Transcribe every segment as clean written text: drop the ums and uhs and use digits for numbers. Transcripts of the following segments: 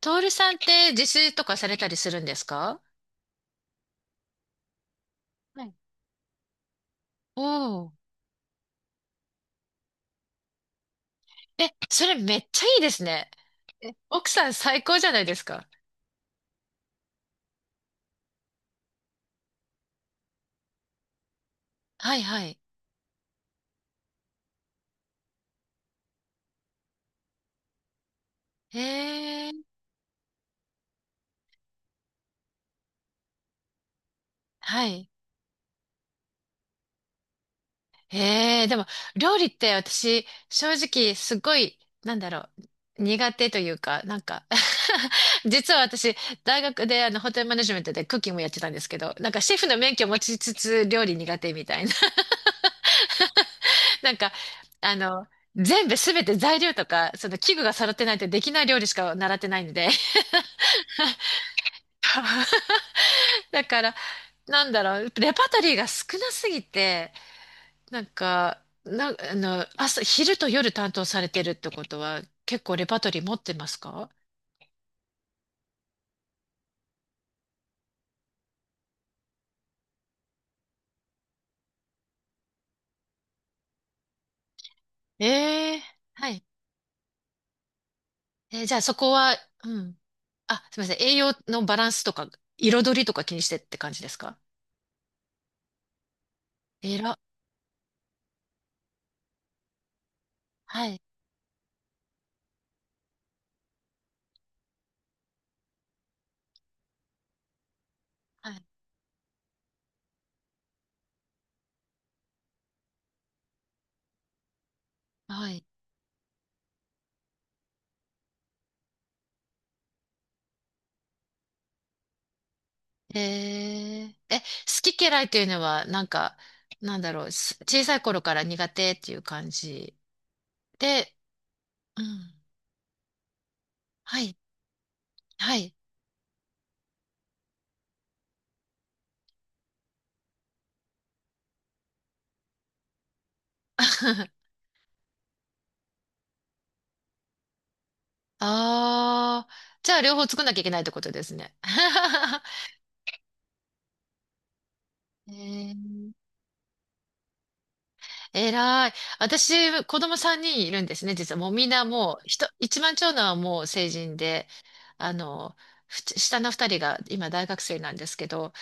トールさんって自炊とかされたりするんですか？はい。お。おー。え、それめっちゃいいですね。え、奥さん最高じゃないですか。はいはい。ええ。はい。ええ、でも、料理って私、正直、すごい、なんだろう、苦手というか、なんか 実は私、大学でホテルマネジメントでクッキングやってたんですけど、なんかシェフの免許持ちつつ、料理苦手みたいな。なんか、あの、全部すべて材料とか、その器具が揃ってないとできない料理しか習ってないんで。だから、レパートリーが少なすぎて、なんか、な、あの、朝、昼と夜担当されてるってことは、結構レパートリー持ってますか？ええ。はい。えー、じゃあそこは、うん。あ、すみません。栄養のバランスとか、彩りとか気にしてって感じですか？えら、はい、はい、はい。へえ。え、好き嫌いというのは、小さい頃から苦手っていう感じで、うん。はい、はい。ああ、じゃあ両方作んなきゃいけないってことですね。へえ。えらい。私、子供3人いるんですね、実は。もうみんなもう、一番長男はもう成人で、あの、下の二人が今大学生なんですけど、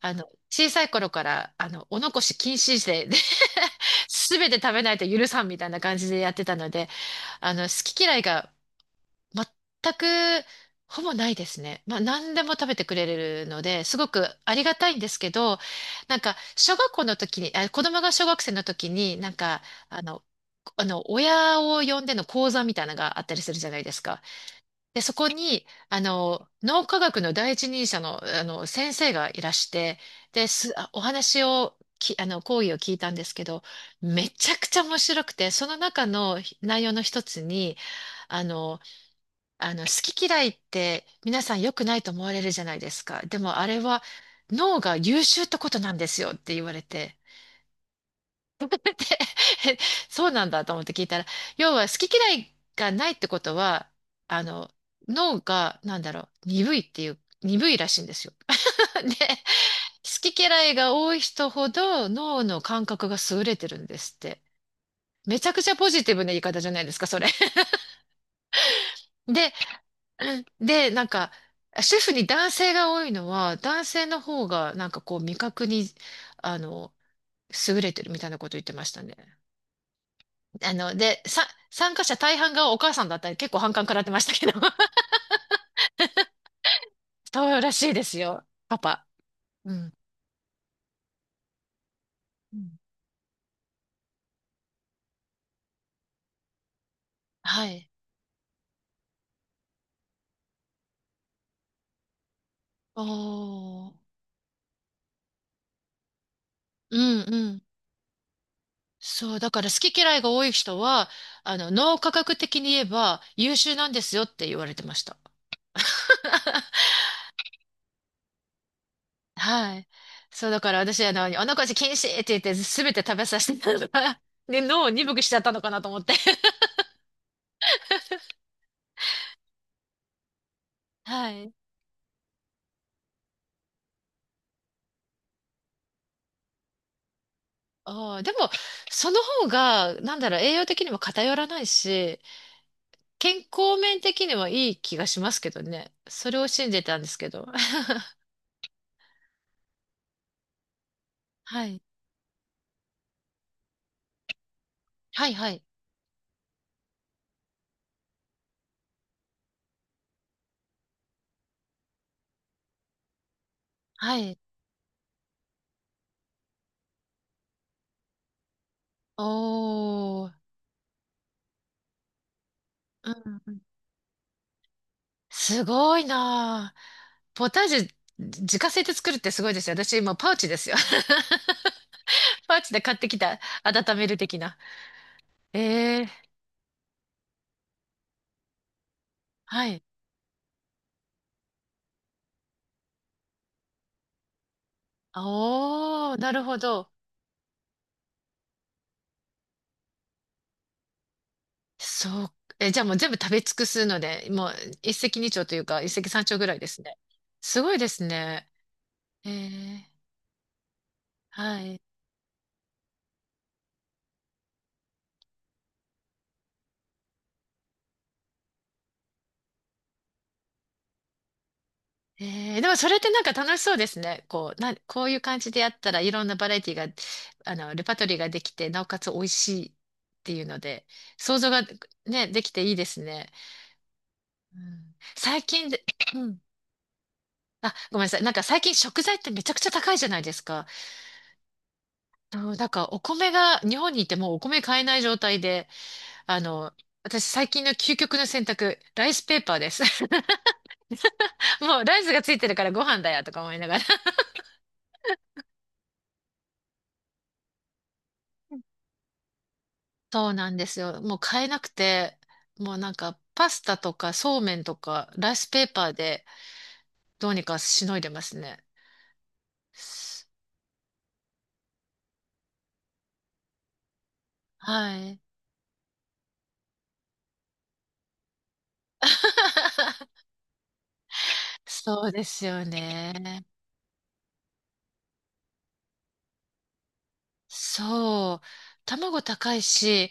あの、小さい頃から、あの、お残し禁止で、で すべて食べないと許さんみたいな感じでやってたので、あの、好き嫌いが全く、ほぼないですね。まあ、何でも食べてくれるので、すごくありがたいんですけど、なんか、小学校の時に、あ、子供が小学生の時に、あの、親を呼んでの講座みたいなのがあったりするじゃないですか。で、そこに、あの、脳科学の第一人者の、あの、先生がいらして、で、す、あお話を、き、あの、講義を聞いたんですけど、めちゃくちゃ面白くて、その中の内容の一つに、あの、好き嫌いって皆さん良くないと思われるじゃないですか。でもあれは脳が優秀ってことなんですよって言われて。で そうなんだと思って聞いたら、要は好き嫌いがないってことは、あの、脳が、鈍いらしいんですよ。で、好き嫌いが多い人ほど脳の感覚が優れてるんですって。めちゃくちゃポジティブな言い方じゃないですか、それ。で。で、なんか、シェフに男性が多いのは、男性の方が、なんかこう、味覚に、あの、優れてるみたいなこと言ってましたね。参加者大半がお母さんだったり、結構反感食らってましたけど。そうらしいですよ、パパ。うん。うん。はい。おー。うんうん。そう、だから好き嫌いが多い人は、あの、脳科学的に言えば優秀なんですよって言われてました。はい。そう、だから私、あの、お腹禁止って言って、すべて食べさせてたのが、で、脳を鈍くしちゃったのかなと思って。はい。ああ、でも、その方が、栄養的にも偏らないし、健康面的にはいい気がしますけどね。それを信じてたんですけど。はい。はい、はい。はい。おー。うんうん。すごいなあ。ポタージュ、自家製で作るってすごいですよ。私、今、パウチですよ。パウチで買ってきた、温める的な。ええ。はい。あおー、なるほど。そう。え、じゃあもう全部食べ尽くすので、もう一石二鳥というか、一石三鳥ぐらいですね。すごいですね。ええ。はい。ええ、でもそれってなんか楽しそうですね。こういう感じでやったらいろんなバラエティが、あの、レパートリーができて、なおかつ美味しいっていうので、想像がね、できていいですね。うん、最近で、うん。あ、ごめんなさい。なんか最近食材ってめちゃくちゃ高いじゃないですか。そう、だからお米が、日本にいてもうお米買えない状態で、あの、私最近の究極の選択、ライスペーパーです。もうライスがついてるからご飯だよとか思いながら。そうなんですよ。もう買えなくて、もうなんかパスタとかそうめんとかライスペーパーでどうにかしのいでますね。はい。そうですよね。そう。卵高いし、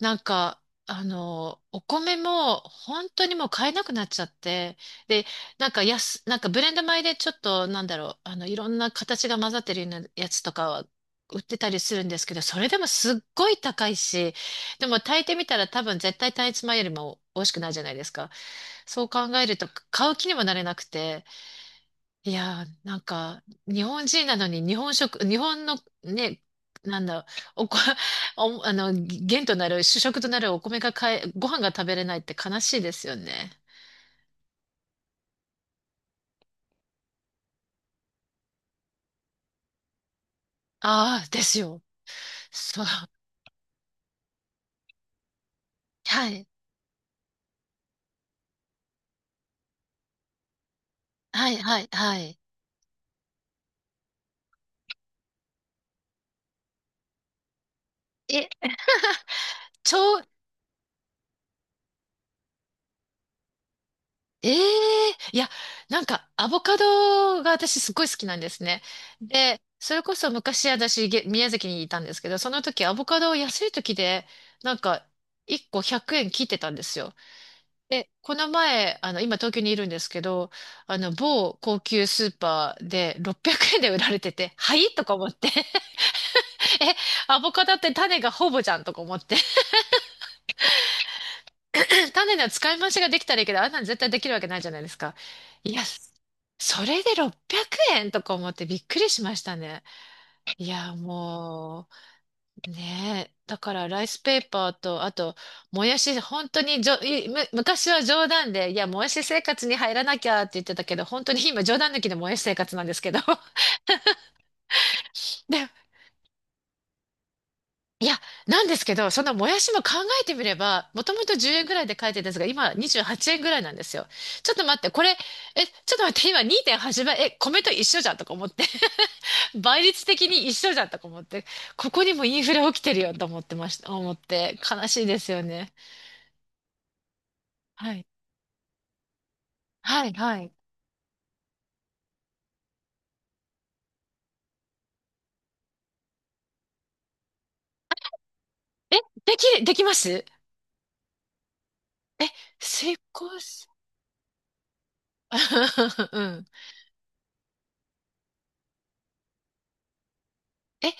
お米も本当にもう買えなくなっちゃって、で、なんか安、なんかブレンド米でちょっと、いろんな形が混ざってるようなやつとかは売ってたりするんですけど、それでもすっごい高いし、でも炊いてみたら多分絶対単一米よりも美味しくないじゃないですか。そう考えると買う気にもなれなくて、いやー、なんか、日本人なのに日本食、日本のね、なんだ、おこ、お、あの、元となる、主食となるお米が買え、ご飯が食べれないって悲しいですよね。ああ、ですよ。そう。はい。はい、はい、はい。え、ちょ、ええ、いや、なんか、アボカドが私すごい好きなんですね。で、それこそ昔私、宮崎にいたんですけど、その時アボカドを安い時で、なんか、1個100円切ってたんですよ。で、この前、あの、今東京にいるんですけど、あの、某高級スーパーで600円で売られてて、はいとか思って、え、アボカドって種がほぼじゃんとか思って、種の使い回しができたらいいけど、あんなの絶対できるわけないじゃないですか。いや、それで600円とか思ってびっくりしましたね。いや、もう、ねえ。だから、ライスペーパーと、あと、もやし、本当にじょ、いむ、昔は冗談で、いや、もやし生活に入らなきゃって言ってたけど、本当に今、冗談抜きでもやし生活なんですけど。で、いや、なんですけど、そのもやしも考えてみれば、もともと10円ぐらいで書いてたんですが、今、28円ぐらいなんですよ。ちょっと待って、これ、え、ちょっと待って、今2.8倍、え、米と一緒じゃんとか思って、倍率的に一緒じゃんとか思って、ここにもインフレ起きてるよと思ってました、思って、悲しいですよね。はい。はいはい。え、できます？え、成功す、うん。え、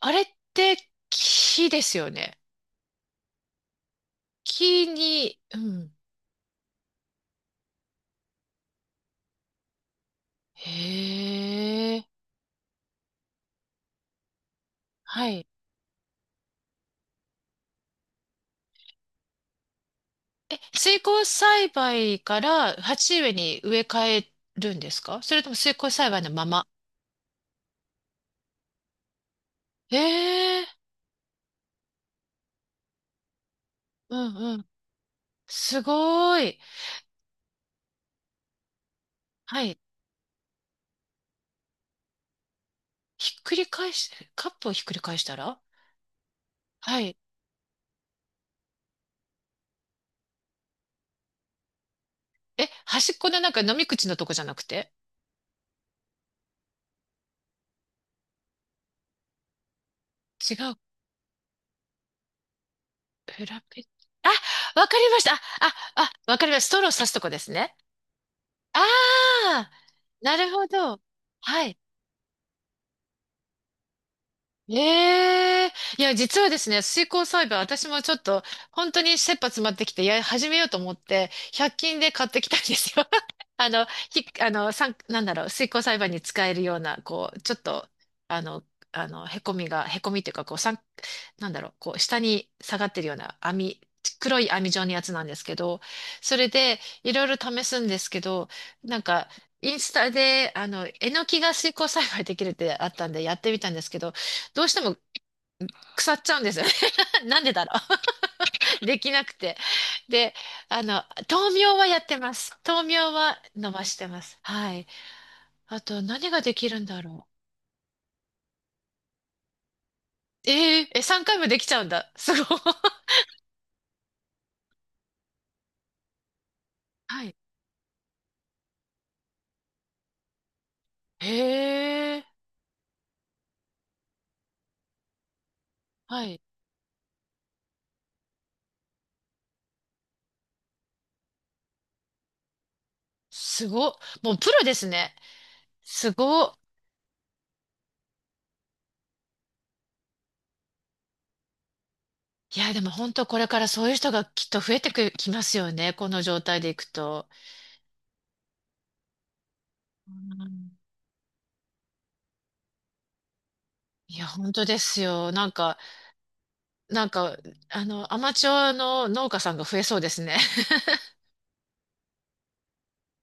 あれって木ですよね。木に、うん。へえ、はい。え、水耕栽培から鉢植えに植え替えるんですか？それとも水耕栽培のまま？へえ、うんうん。すごい。はい。ひっくり返し、カップをひっくり返したら？はい。え、端っこのなんか飲み口のとこじゃなくて？違う？フラペ、あ、わかりました。あ、あ、あ、わかりました。ストローさすとこですね。ああ、なるほど。はい。ええ。いや、実はですね、水耕栽培、私もちょっと、本当に切羽詰まってきて、や、始めようと思って、100均で買ってきたんですよ。あの、ひ、あの、さん、なんだろう、水耕栽培に使えるような、こう、ちょっと、あの、へこみが、へこみっていうか、こう、さん、なんだろう、こう、下に下がってるような網、黒い網状のやつなんですけど、それで、いろいろ試すんですけど、なんか、インスタで、あの、えのきが水耕栽培できるってあったんで、やってみたんですけど、どうしても腐っちゃうんですよね。なんでだろう。できなくて。で、あの、豆苗はやってます。豆苗は伸ばしてます。はい。あと、何ができるんだろう。えー、え、3回もできちゃうんだ。すごい。はい。へえ、はい。すご。もうプロですね。すご。いや、でも本当これからそういう人がきっと増えてく、きますよね。この状態でいくと。うん。いや、本当ですよ。なんか、アマチュアの農家さんが増えそうですね。